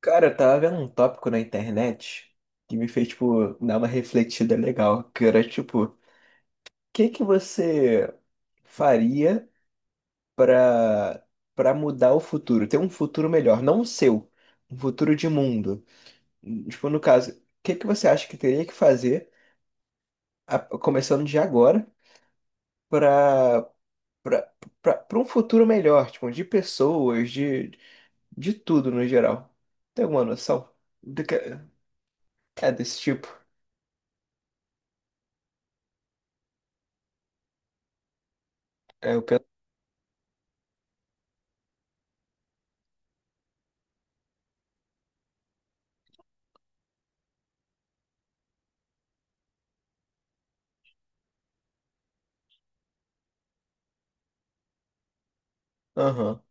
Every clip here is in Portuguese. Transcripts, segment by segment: Cara, eu tava vendo um tópico na internet que me fez, tipo, dar uma refletida legal, que era, tipo, o que que você faria pra, pra mudar o futuro, ter um futuro melhor, não o seu, um futuro de mundo. Tipo, no caso, o que que você acha que teria que fazer, começando de agora, pra, pra, pra um futuro melhor, tipo, de pessoas, de tudo no geral? Tem alguma noção do que é desse tipo? É o Aham.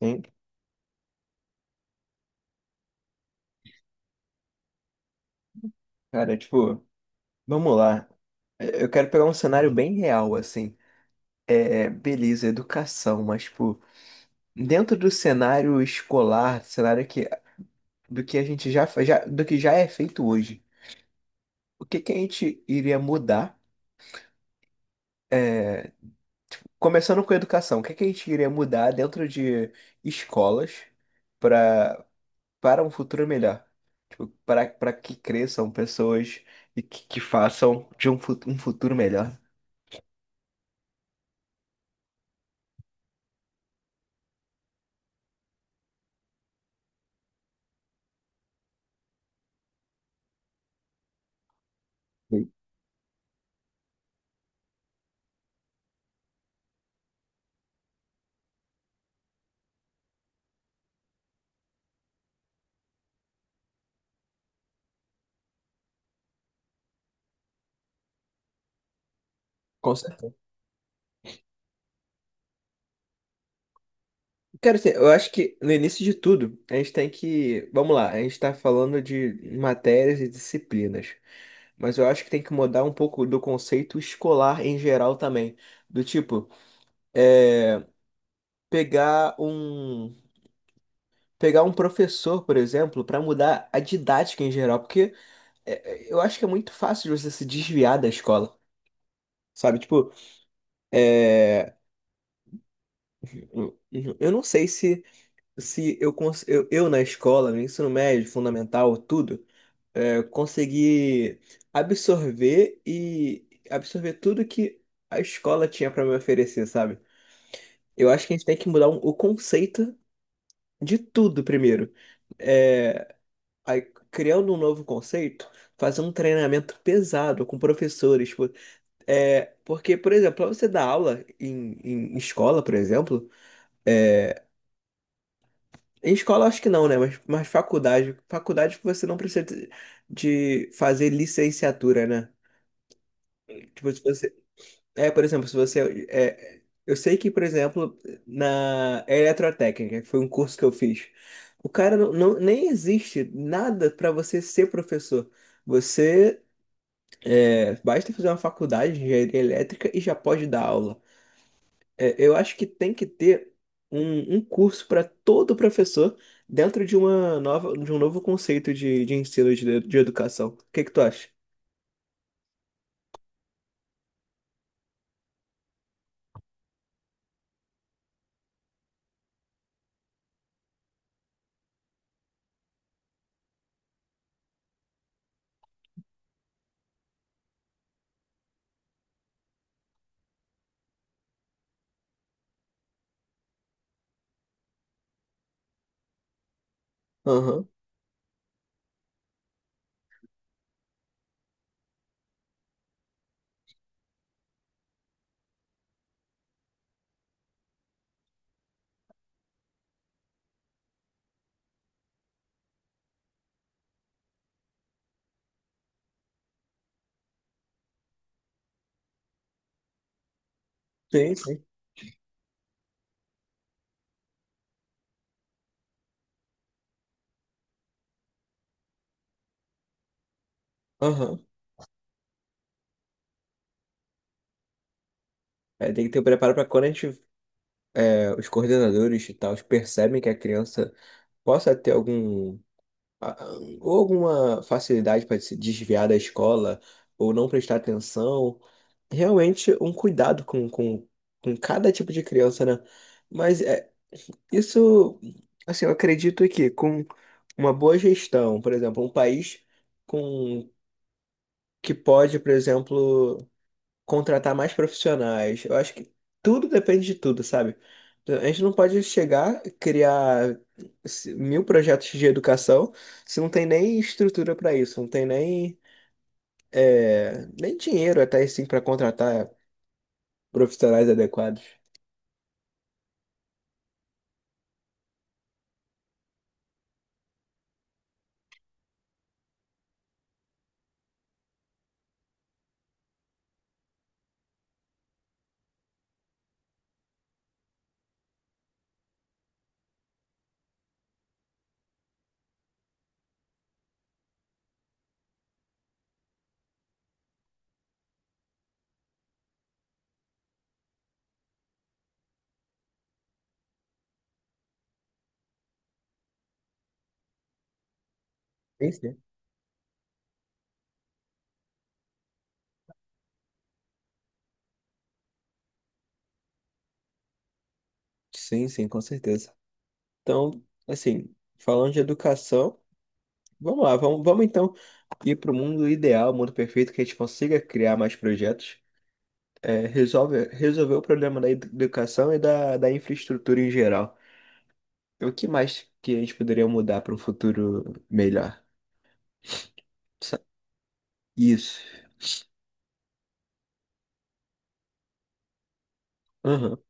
Hein? Cara, tipo, vamos lá. Eu quero pegar um cenário bem real, assim. Beleza, educação, mas, tipo, dentro do cenário escolar, cenário que, do que a gente já, já, do que já é feito hoje, o que que a gente iria mudar? Começando com a educação, o que que a gente iria mudar dentro de escolas para para um futuro melhor? Tipo, para que cresçam pessoas e que façam um futuro melhor. Sim. Com Cara, assim, eu acho que no início de tudo, a gente tem que. Vamos lá, a gente está falando de matérias e disciplinas. Mas eu acho que tem que mudar um pouco do conceito escolar em geral também. Do tipo, é, pegar um pegar um professor, por exemplo, para mudar a didática em geral, porque eu acho que é muito fácil de você se desviar da escola. Sabe, tipo, eu não sei se eu, eu na escola, no ensino médio, fundamental, tudo, conseguir absorver e absorver tudo que a escola tinha para me oferecer, sabe? Eu acho que a gente tem que mudar o conceito de tudo primeiro. É, aí, criando um novo conceito, fazer um treinamento pesado com professores. Tipo, porque, por exemplo, pra você dar aula em escola, por exemplo, em escola acho que não, né? Mas faculdade, faculdade você não precisa de fazer licenciatura, né? Tipo, se você É, por exemplo, se você. Eu sei que, por exemplo, na eletrotécnica, que foi um curso que eu fiz, o cara não, nem existe nada para você ser professor. Você basta fazer uma faculdade de engenharia elétrica e já pode dar aula. Eu acho que tem que ter um curso para todo professor dentro de de um novo conceito de ensino de educação. O que que tu acha? Aham, sim, sim. Aham. Tem que ter o preparo para quando a gente os coordenadores e tal percebem que a criança possa ter algum a- a- ou alguma facilidade para se desviar da escola ou não prestar atenção, realmente um cuidado com cada tipo de criança, né? Mas isso, assim, eu acredito que com uma boa gestão, por exemplo, um país com que pode, por exemplo, contratar mais profissionais. Eu acho que tudo depende de tudo, sabe? Então, a gente não pode chegar, criar mil projetos de educação se não tem nem estrutura para isso, não tem nem, nem dinheiro até assim para contratar profissionais adequados. Sim, sim. Sim, sim, com certeza. Então, assim, falando de educação, vamos lá, vamos então ir para o mundo ideal, mundo perfeito, que a gente consiga criar mais projetos resolver o problema da educação e da infraestrutura em geral. O que mais que a gente poderia mudar para um futuro melhor? Sa- Isso. Aham.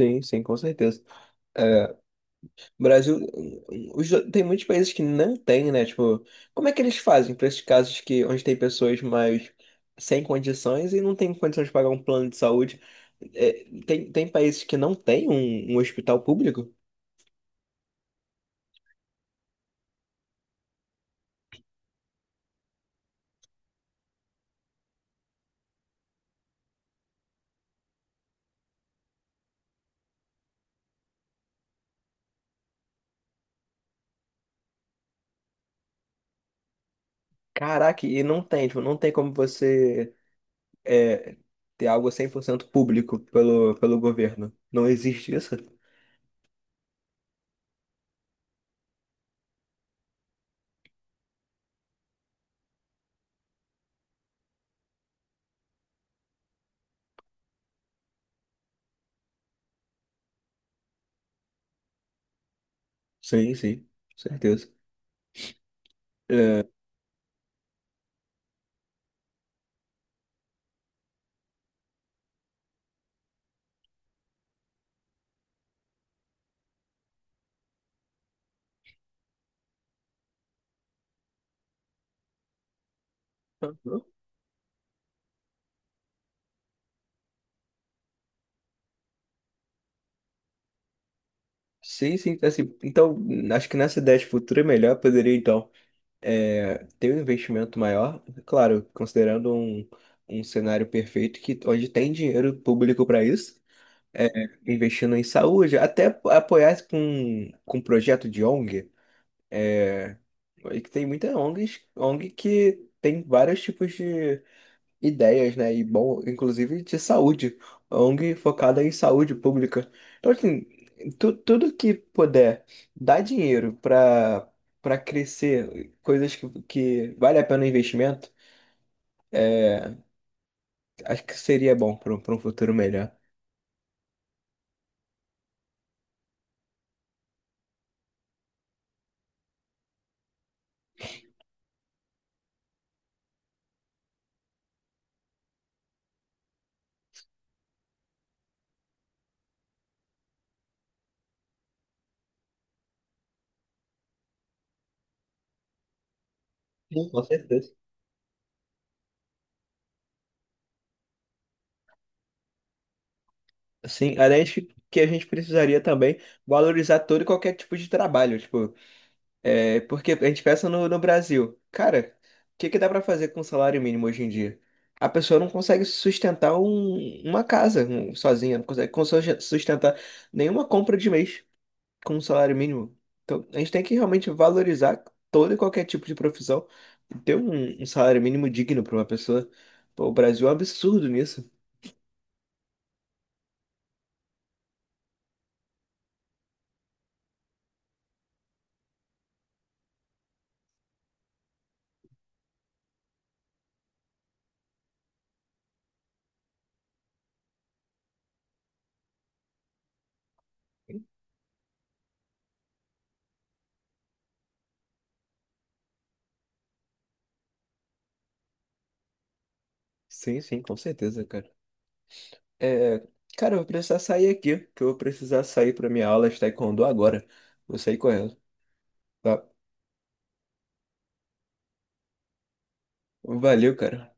Sim, sim, com certeza. É, o Brasil, tem muitos países que não tem, né? Tipo, como é que eles fazem para esses casos que onde tem pessoas mais sem condições e não tem condições de pagar um plano de saúde? Tem países que não tem um hospital público? Caraca, e não tem, tipo, não tem como é, ter algo 100% público pelo governo. Não existe isso? Sim, sim, certeza. Uhum. Sim, sim, assim, então acho que nessa ideia de futuro é melhor, poderia então ter um investimento maior, claro, considerando um cenário perfeito que onde tem dinheiro público para isso, é, investindo em saúde, até apoiar com projeto de ONG, é, que tem muita ONGs, ONG que tem vários tipos de ideias, né? E bom, inclusive de saúde, ONG focada em saúde pública. Então, assim, tudo que puder dar dinheiro para crescer, coisas que vale a pena o investimento, acho que seria bom para um pra um futuro melhor. Sim, com certeza. Sim, além de que a gente precisaria também valorizar todo e qualquer tipo de trabalho, tipo porque a gente pensa no Brasil. Cara, o que que dá pra fazer com o salário mínimo hoje em dia? A pessoa não consegue sustentar uma casa sozinha, não consegue sustentar nenhuma compra de mês com um salário mínimo. Então, a gente tem que realmente valorizar todo e qualquer tipo de profissão, e ter um salário mínimo digno pra uma pessoa. Pô, o Brasil é um absurdo nisso. Sim, sim, com certeza, cara. É, cara, eu vou precisar sair aqui, que eu vou precisar sair pra minha aula de taekwondo agora. Vou sair correndo. Tá? Valeu, cara.